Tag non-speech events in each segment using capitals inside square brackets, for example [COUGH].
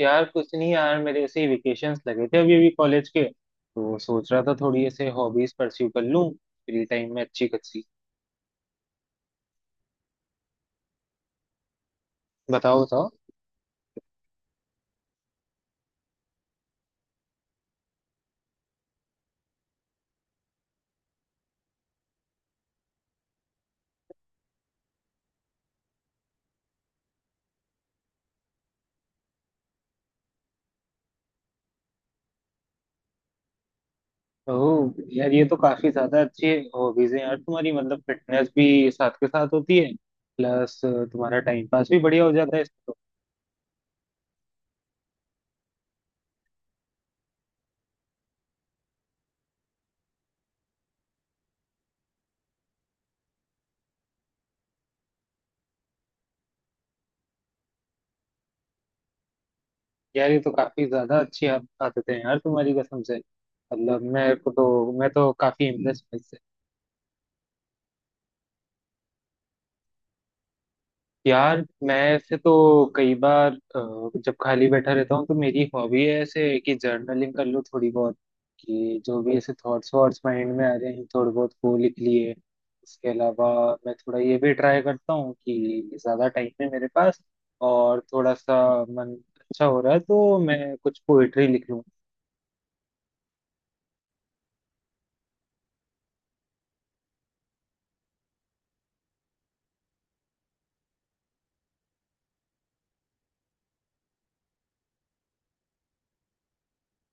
यार कुछ नहीं यार, मेरे ऐसे ही वेकेशंस लगे थे अभी अभी कॉलेज के, तो सोच रहा था थोड़ी ऐसे हॉबीज परस्यू कर लूं फ्री टाइम में अच्छी खासी। बताओ बताओ। ओह यार, ये तो काफी ज्यादा अच्छी हॉबीज है यार तुम्हारी। मतलब फिटनेस भी साथ के साथ होती है, प्लस तुम्हारा टाइम पास भी बढ़िया हो जाता है इससे तो। यार ये तो काफी ज्यादा अच्छी आदतें हैं यार तुम्हारी। कसम से, मतलब मेरे को तो, मैं तो काफी इम्प्रेस। यार, मैं ऐसे तो कई बार जब खाली बैठा रहता हूँ तो मेरी हॉबी है ऐसे कि जर्नलिंग कर लो थोड़ी बहुत, कि जो भी ऐसे थॉट्स वॉट्स माइंड में आ रहे हैं थोड़े बहुत, वो लिख लिए। इसके अलावा मैं थोड़ा ये भी ट्राई करता हूँ कि ज़्यादा टाइम है मेरे पास और थोड़ा सा मन अच्छा हो रहा है तो मैं कुछ पोइट्री लिख लूँ।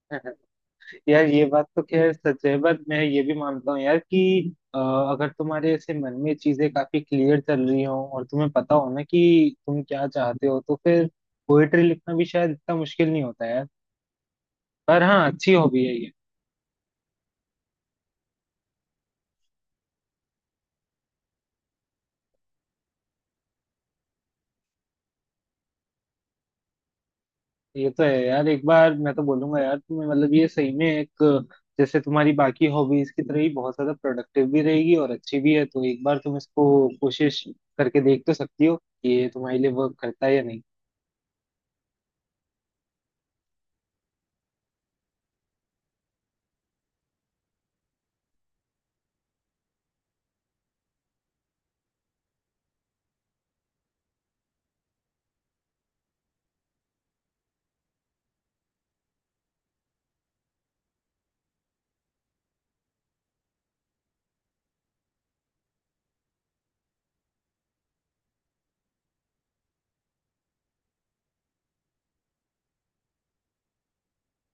[LAUGHS] यार ये बात तो खैर सच है, बट मैं ये भी मानता हूँ यार कि अगर तुम्हारे ऐसे मन में चीजें काफी क्लियर चल रही हो और तुम्हें पता हो ना कि तुम क्या चाहते हो, तो फिर पोएट्री लिखना भी शायद इतना मुश्किल नहीं होता यार। पर हाँ, अच्छी हॉबी है ये। ये तो है यार। एक बार मैं तो बोलूंगा यार तुम्हें, मतलब ये सही में एक, जैसे तुम्हारी बाकी हॉबीज की तरह ही बहुत ज्यादा प्रोडक्टिव भी रहेगी और अच्छी भी है, तो एक बार तुम इसको कोशिश करके देख तो सकती हो कि ये तुम्हारे लिए वर्क करता है या नहीं।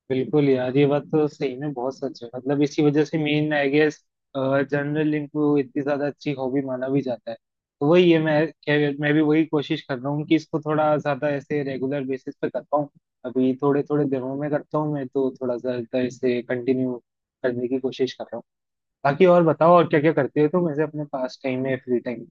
बिल्कुल यार, ये बात तो सही में बहुत सच है। मतलब इसी वजह से main I guess general link को इतनी ज्यादा अच्छी हॉबी माना भी जाता है। तो वही है, मैं भी वही कोशिश कर रहा हूँ कि इसको थोड़ा ज्यादा ऐसे रेगुलर बेसिस पे कर पाऊँ। अभी थोड़े थोड़े दिनों में करता हूँ, मैं तो थोड़ा सा इसे कंटिन्यू करने की कोशिश कर रहा हूँ। बाकी और बताओ, और क्या क्या करते हो तुम ऐसे अपने पास टाइम में, फ्री टाइम।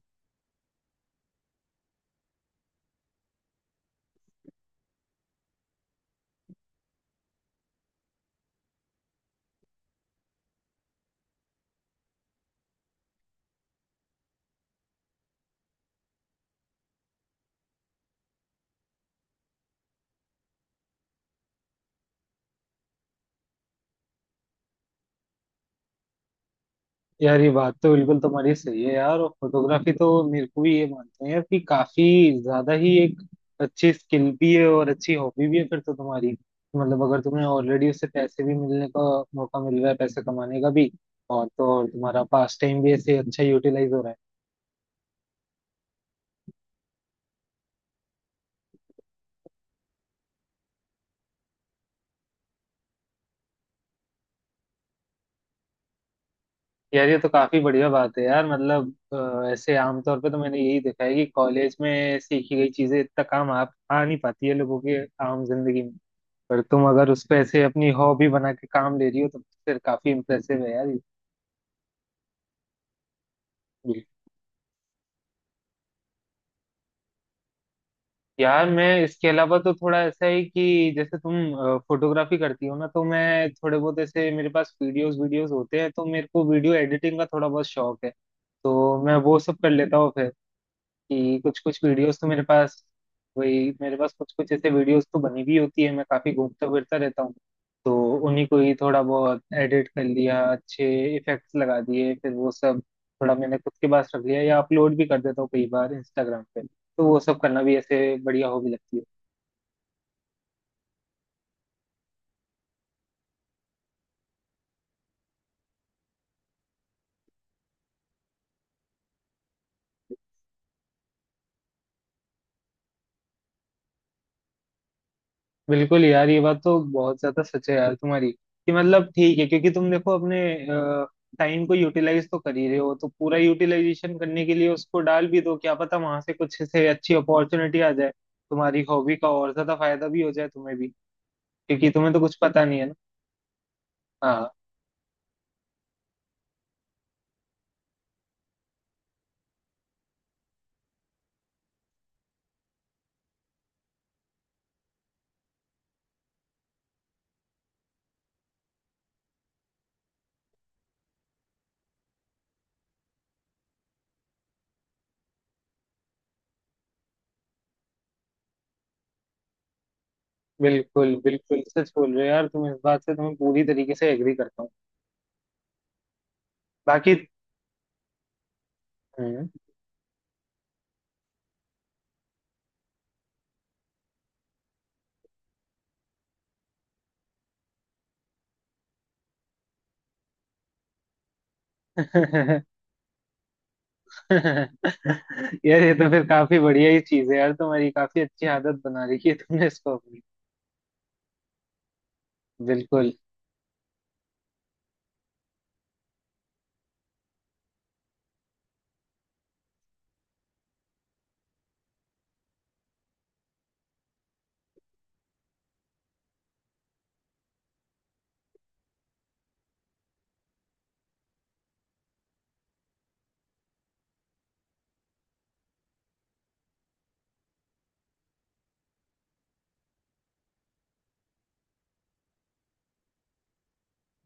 यार ये बात तो बिल्कुल तुम्हारी सही है यार। और फोटोग्राफी तो मेरे को भी, ये मानते हैं यार, कि काफी ज्यादा ही एक अच्छी स्किल भी है और अच्छी हॉबी भी है। फिर तो तुम्हारी, मतलब अगर तुम्हें ऑलरेडी उससे पैसे भी मिलने का मौका मिल रहा है, पैसे कमाने का भी, और तो और तुम्हारा पास टाइम भी ऐसे अच्छा यूटिलाइज हो रहा है। यार ये तो काफी बढ़िया बात है यार। मतलब ऐसे आमतौर पे तो मैंने यही देखा है कि कॉलेज में सीखी गई चीजें इतना काम आ नहीं पाती है लोगों के आम जिंदगी में। पर तुम अगर उस पे ऐसे अपनी हॉबी बना के काम ले रही हो, तो फिर काफी इम्प्रेसिव है यार ये। बिल्कुल। यार मैं इसके अलावा तो थोड़ा ऐसा है कि जैसे तुम फोटोग्राफी करती हो ना, तो मैं थोड़े बहुत ऐसे मेरे पास वीडियोस वीडियोस होते हैं, तो मेरे को वीडियो एडिटिंग का थोड़ा बहुत शौक है, तो मैं वो सब कर लेता हूँ। कि कुछ कुछ वीडियोस तो मेरे पास, वही मेरे पास कुछ कुछ ऐसे वीडियोस तो बनी भी होती है। मैं काफी घूमता फिरता रहता हूँ, तो उन्हीं को ही थोड़ा बहुत एडिट कर लिया, अच्छे इफेक्ट्स लगा दिए, फिर वो सब थोड़ा मैंने खुद के पास रख लिया या अपलोड भी कर देता हूँ कई बार इंस्टाग्राम पे। तो वो सब करना भी ऐसे बढ़िया हॉबी लगती है। बिल्कुल यार, ये बात तो बहुत ज्यादा सच है यार तुम्हारी, कि मतलब ठीक है क्योंकि तुम देखो अपने टाइम को यूटिलाइज तो कर ही रहे हो, तो पूरा यूटिलाइजेशन करने के लिए उसको डाल भी दो। क्या पता वहां से कुछ से अच्छी अपॉर्चुनिटी आ जाए, तुम्हारी हॉबी का और ज्यादा फायदा भी हो जाए तुम्हें भी, क्योंकि तुम्हें तो कुछ पता नहीं है ना। हाँ। बिल्कुल बिल्कुल, सच बोल रहे हो यार तुम। इस बात से तुम्हें पूरी तरीके से एग्री करता हूँ। बाकी हम्म। [LAUGHS] यार ये तो फिर काफी बढ़िया ही चीज है यार तुम्हारी। काफी अच्छी आदत बना रखी है तुमने इसको अपनी। बिल्कुल।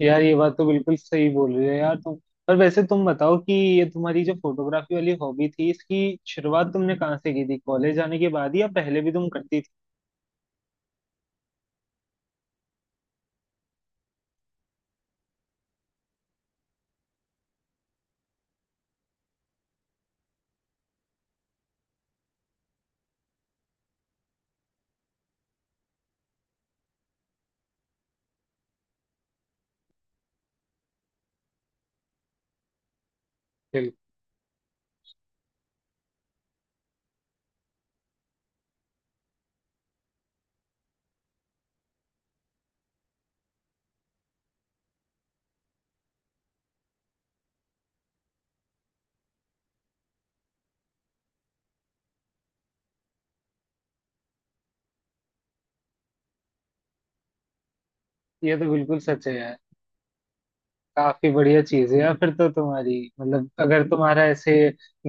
यार ये बात तो बिल्कुल सही बोल रही हो यार तुम। पर वैसे तुम बताओ, कि ये तुम्हारी जो फोटोग्राफी वाली हॉबी थी, इसकी शुरुआत तुमने कहाँ से की थी? कॉलेज जाने के बाद या पहले भी तुम करती थी? बिल्कुल। ये तो बिल्कुल सच है यार। काफी बढ़िया चीज है यार फिर तो तुम्हारी। मतलब अगर तुम्हारा ऐसे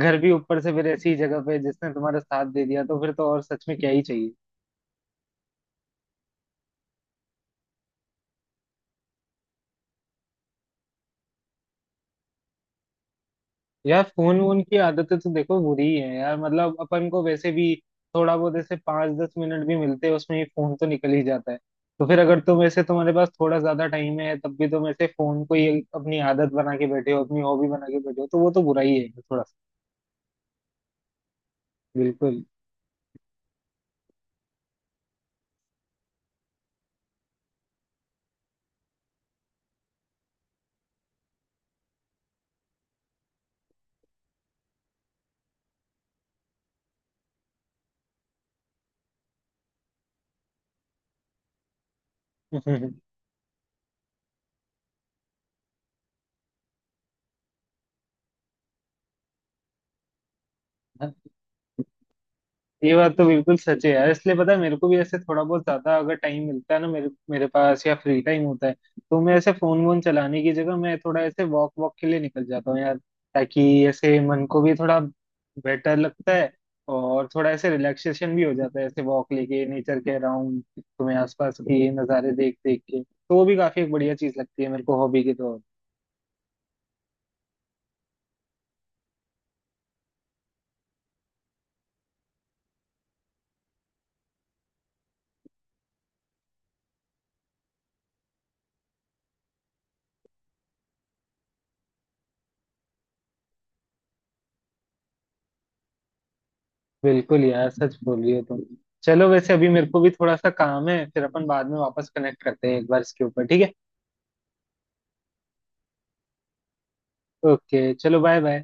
घर भी ऊपर से फिर ऐसी जगह पे जिसने तुम्हारा साथ दे दिया, तो फिर तो और सच में क्या ही चाहिए। यार फोन वोन की आदतें तो देखो बुरी ही है यार। मतलब अपन को वैसे भी थोड़ा बहुत ऐसे पाँच दस मिनट भी मिलते हैं, उसमें ही फोन तो निकल ही जाता है। तो फिर अगर तुम, वैसे तुम्हारे पास थोड़ा ज्यादा टाइम है, तब भी तुम ऐसे फोन को ही अपनी आदत बना के बैठे हो, अपनी हॉबी बना के बैठे हो, तो वो तो बुरा ही है थोड़ा सा। बिल्कुल। [LAUGHS] ये बात तो बिल्कुल सच है यार। इसलिए पता है मेरे को भी ऐसे, थोड़ा बहुत ज्यादा अगर टाइम मिलता है ना मेरे मेरे पास या फ्री टाइम होता है, तो मैं ऐसे फोन वोन चलाने की जगह मैं थोड़ा ऐसे वॉक वॉक के लिए निकल जाता हूँ यार, ताकि ऐसे मन को भी थोड़ा बेटर लगता है। और थोड़ा ऐसे रिलैक्सेशन भी हो जाता है ऐसे वॉक लेके, नेचर के अराउंड, तुम्हें आसपास के नज़ारे देख देख के, तो वो भी काफी एक बढ़िया चीज लगती है मेरे को हॉबी के तौर पे। बिल्कुल यार, सच बोल रही हो तुम। चलो, वैसे अभी मेरे को भी थोड़ा सा काम है, फिर अपन बाद में वापस कनेक्ट करते हैं एक बार इसके ऊपर, ठीक है। ओके, चलो, बाय बाय।